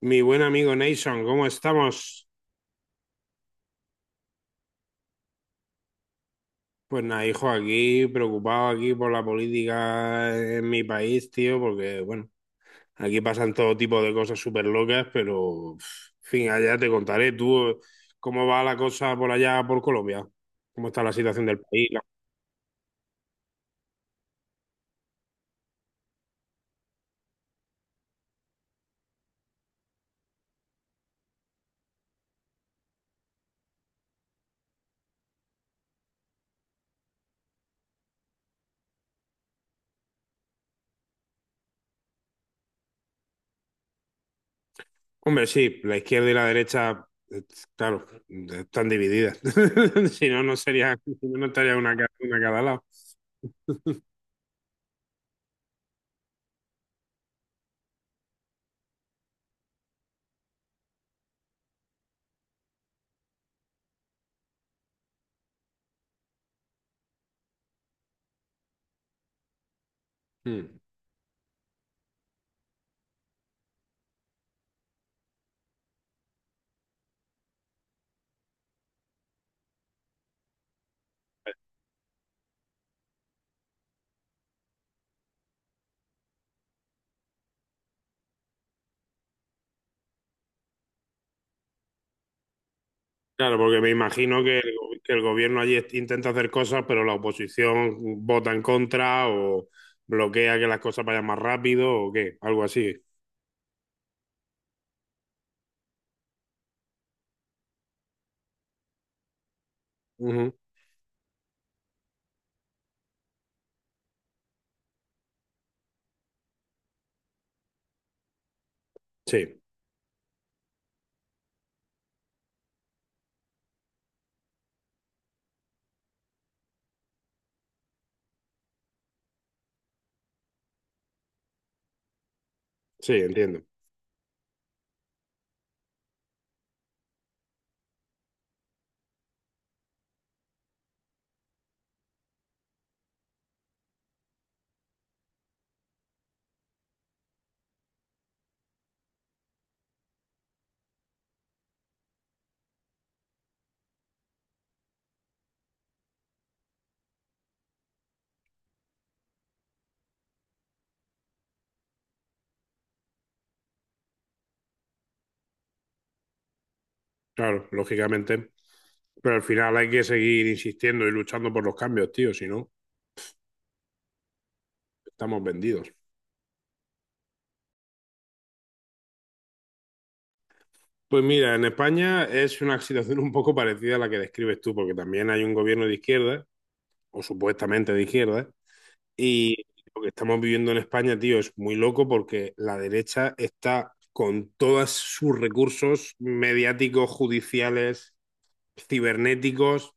Mi buen amigo Nason, ¿cómo estamos? Pues nada, hijo, aquí preocupado aquí por la política en mi país, tío, porque bueno, aquí pasan todo tipo de cosas súper locas, pero en fin, allá te contaré tú cómo va la cosa por allá, por Colombia, cómo está la situación del país. Hombre, sí, la izquierda y la derecha, claro, están divididas. Si no, no sería, si no, no estaría una, una a cada lado. Hmm. Claro, porque me imagino que que el gobierno allí intenta hacer cosas, pero la oposición vota en contra o bloquea que las cosas vayan más rápido o qué, algo así. Ujú. Sí, sí, entiendo. Claro, lógicamente. Pero al final hay que seguir insistiendo y luchando por los cambios, tío, si no, estamos vendidos. Pues mira, en España es una situación un poco parecida a la que describes tú, porque también hay un gobierno de izquierda, o supuestamente de izquierda, y lo que estamos viviendo en España, tío, es muy loco porque la derecha está con todos sus recursos mediáticos, judiciales, cibernéticos,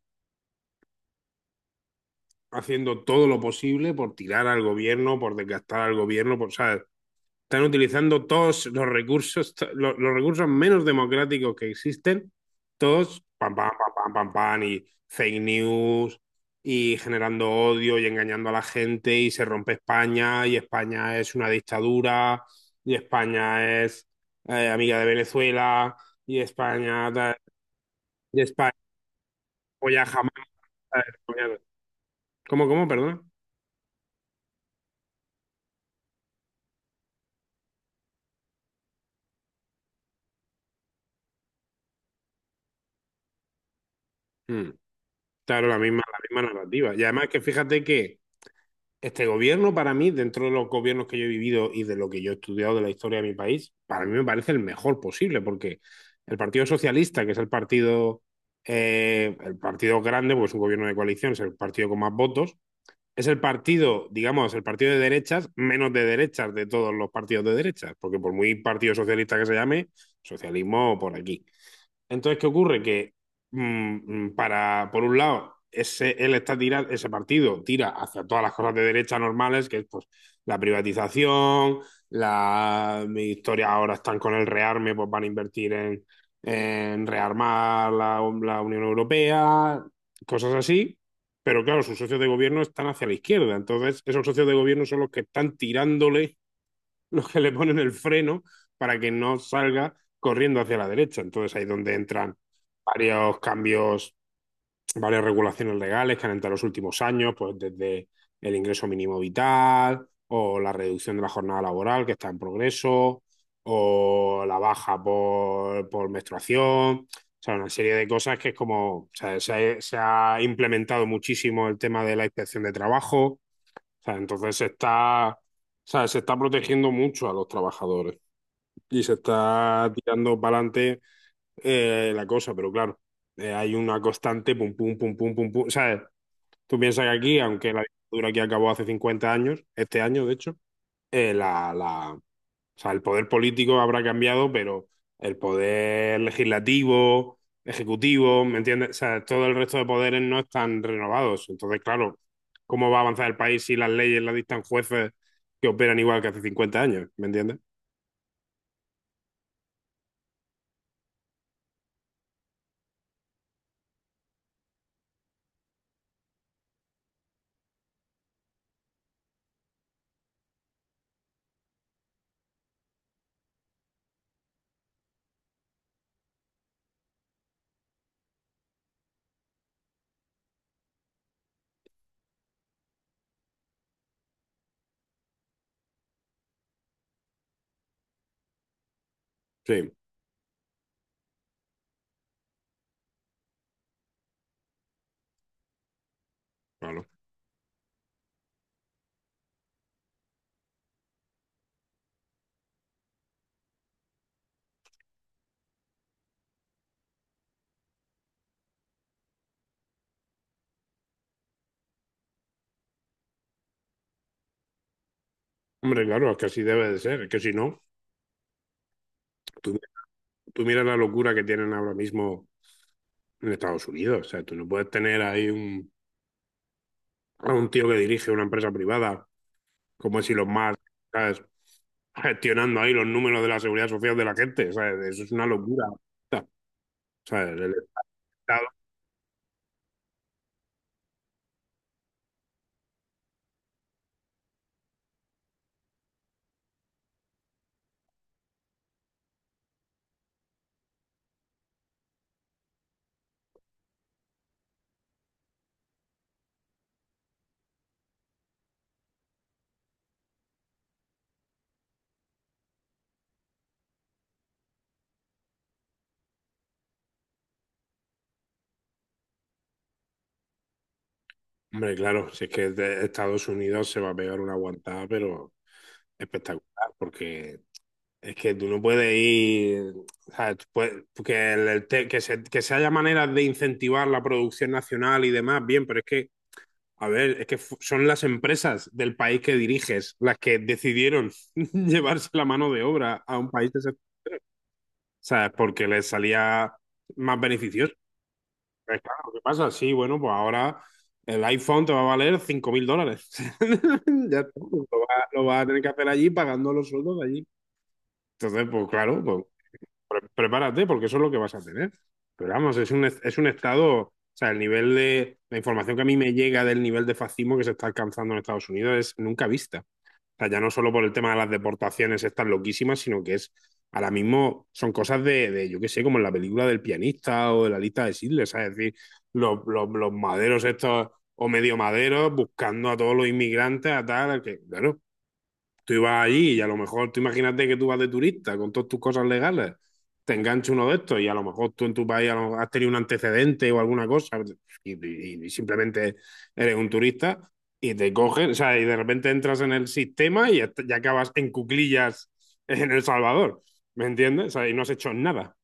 haciendo todo lo posible por tirar al gobierno, por desgastar al gobierno, por, ¿sabes? Están utilizando todos los recursos, los recursos menos democráticos que existen, todos pam, pam, pam, pam, pam, pam, y fake news, y generando odio y engañando a la gente, y se rompe España, y España es una dictadura, y España es amiga de Venezuela, y España, y España apoya jamás. ¿Cómo, cómo, perdón? Mm, claro, la misma narrativa. Y además que fíjate que este gobierno, para mí, dentro de los gobiernos que yo he vivido y de lo que yo he estudiado de la historia de mi país, para mí me parece el mejor posible, porque el Partido Socialista, que es el partido grande, porque es un gobierno de coalición, es el partido con más votos, es el partido, digamos, el partido de derechas, menos de derechas de todos los partidos de derechas, porque por muy partido socialista que se llame, socialismo por aquí. Entonces, ¿qué ocurre? Que por un lado, ese partido tira hacia todas las cosas de derecha normales, que es pues la privatización, la mi historia ahora están con el rearme, pues van a invertir en rearmar la Unión Europea, cosas así. Pero claro, sus socios de gobierno están hacia la izquierda. Entonces, esos socios de gobierno son los que están tirándole los que le ponen el freno para que no salga corriendo hacia la derecha. Entonces ahí es donde entran varios cambios, varias regulaciones legales que han entrado en los últimos años, pues desde el ingreso mínimo vital o la reducción de la jornada laboral que está en progreso o la baja por menstruación. O sea, una serie de cosas que es como, o sea, se ha implementado muchísimo el tema de la inspección de trabajo, o sea, entonces se está, o sea, se está protegiendo mucho a los trabajadores y se está tirando para adelante la cosa, pero claro, hay una constante pum, pum, pum, pum, pum, pum. ¿Sabes? Tú piensas que aquí, aunque la dictadura aquí acabó hace 50 años, este año de hecho, eh, la, la, o sea, el poder político habrá cambiado, pero el poder legislativo, ejecutivo, ¿me entiendes? O sea, todo el resto de poderes no están renovados. Entonces, claro, ¿cómo va a avanzar el país si las leyes las dictan jueces que operan igual que hace 50 años? ¿Me entiendes? Sí, claro. Hombre, claro, es que así debe de ser. Es que si no, tú, tú miras la locura que tienen ahora mismo en Estados Unidos. O sea, tú no puedes tener ahí a un tío que dirige una empresa privada como es Elon Musk, ¿sabes? Gestionando ahí los números de la seguridad social de la gente, ¿sabes? Eso es una locura. ¿Sabes? Estado, hombre, claro, si es que de Estados Unidos se va a pegar una aguantada, pero espectacular, porque es que tú no puedes ir, ¿sabes? Tú puedes- que, el te- que se haya maneras de incentivar la producción nacional y demás, bien, pero es que, a ver, es que son las empresas del país que diriges las que decidieron llevarse la mano de obra a un país sea, porque les salía más beneficioso. Pues claro, ¿qué pasa? Sí, bueno, pues ahora el iPhone te va a valer 5.000 dólares. Ya está, pues lo vas a tener que hacer allí pagando los sueldos de allí. Entonces, pues claro, pues, prepárate porque eso es lo que vas a tener. Pero vamos, es un, estado, o sea, el nivel de, la información que a mí me llega del nivel de fascismo que se está alcanzando en Estados Unidos es nunca vista. O sea, ya no solo por el tema de las deportaciones estas loquísimas, sino que es ahora mismo son cosas de yo qué sé, como en la película del pianista o de la lista de Sidles, ¿sabes? Es decir, los maderos estos o medio maderos buscando a todos los inmigrantes, a tal, que claro, tú ibas allí y a lo mejor, tú imagínate que tú vas de turista con todas tus cosas legales, te engancha uno de estos y a lo mejor tú en tu país has tenido un antecedente o alguna cosa y simplemente eres un turista y te cogen, o sea, y de repente entras en el sistema y ya acabas en cuclillas en El Salvador, ¿me entiendes? O sea, y no has hecho nada.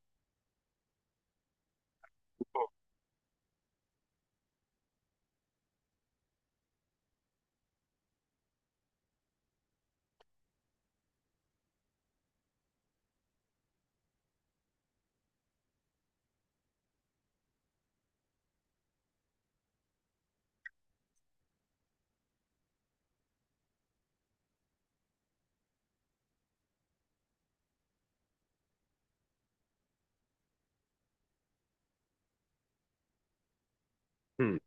Mm.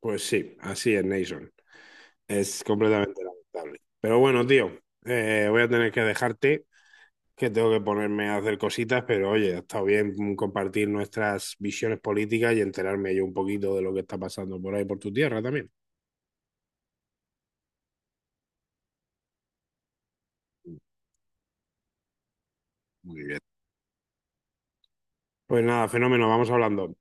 Pues sí, así es, Nason. Es completamente lamentable. Pero bueno, tío, voy a tener que dejarte que tengo que ponerme a hacer cositas, pero oye, ha estado bien compartir nuestras visiones políticas y enterarme yo un poquito de lo que está pasando por ahí, por tu tierra también. Muy bien. Pues nada, fenómeno, vamos hablando.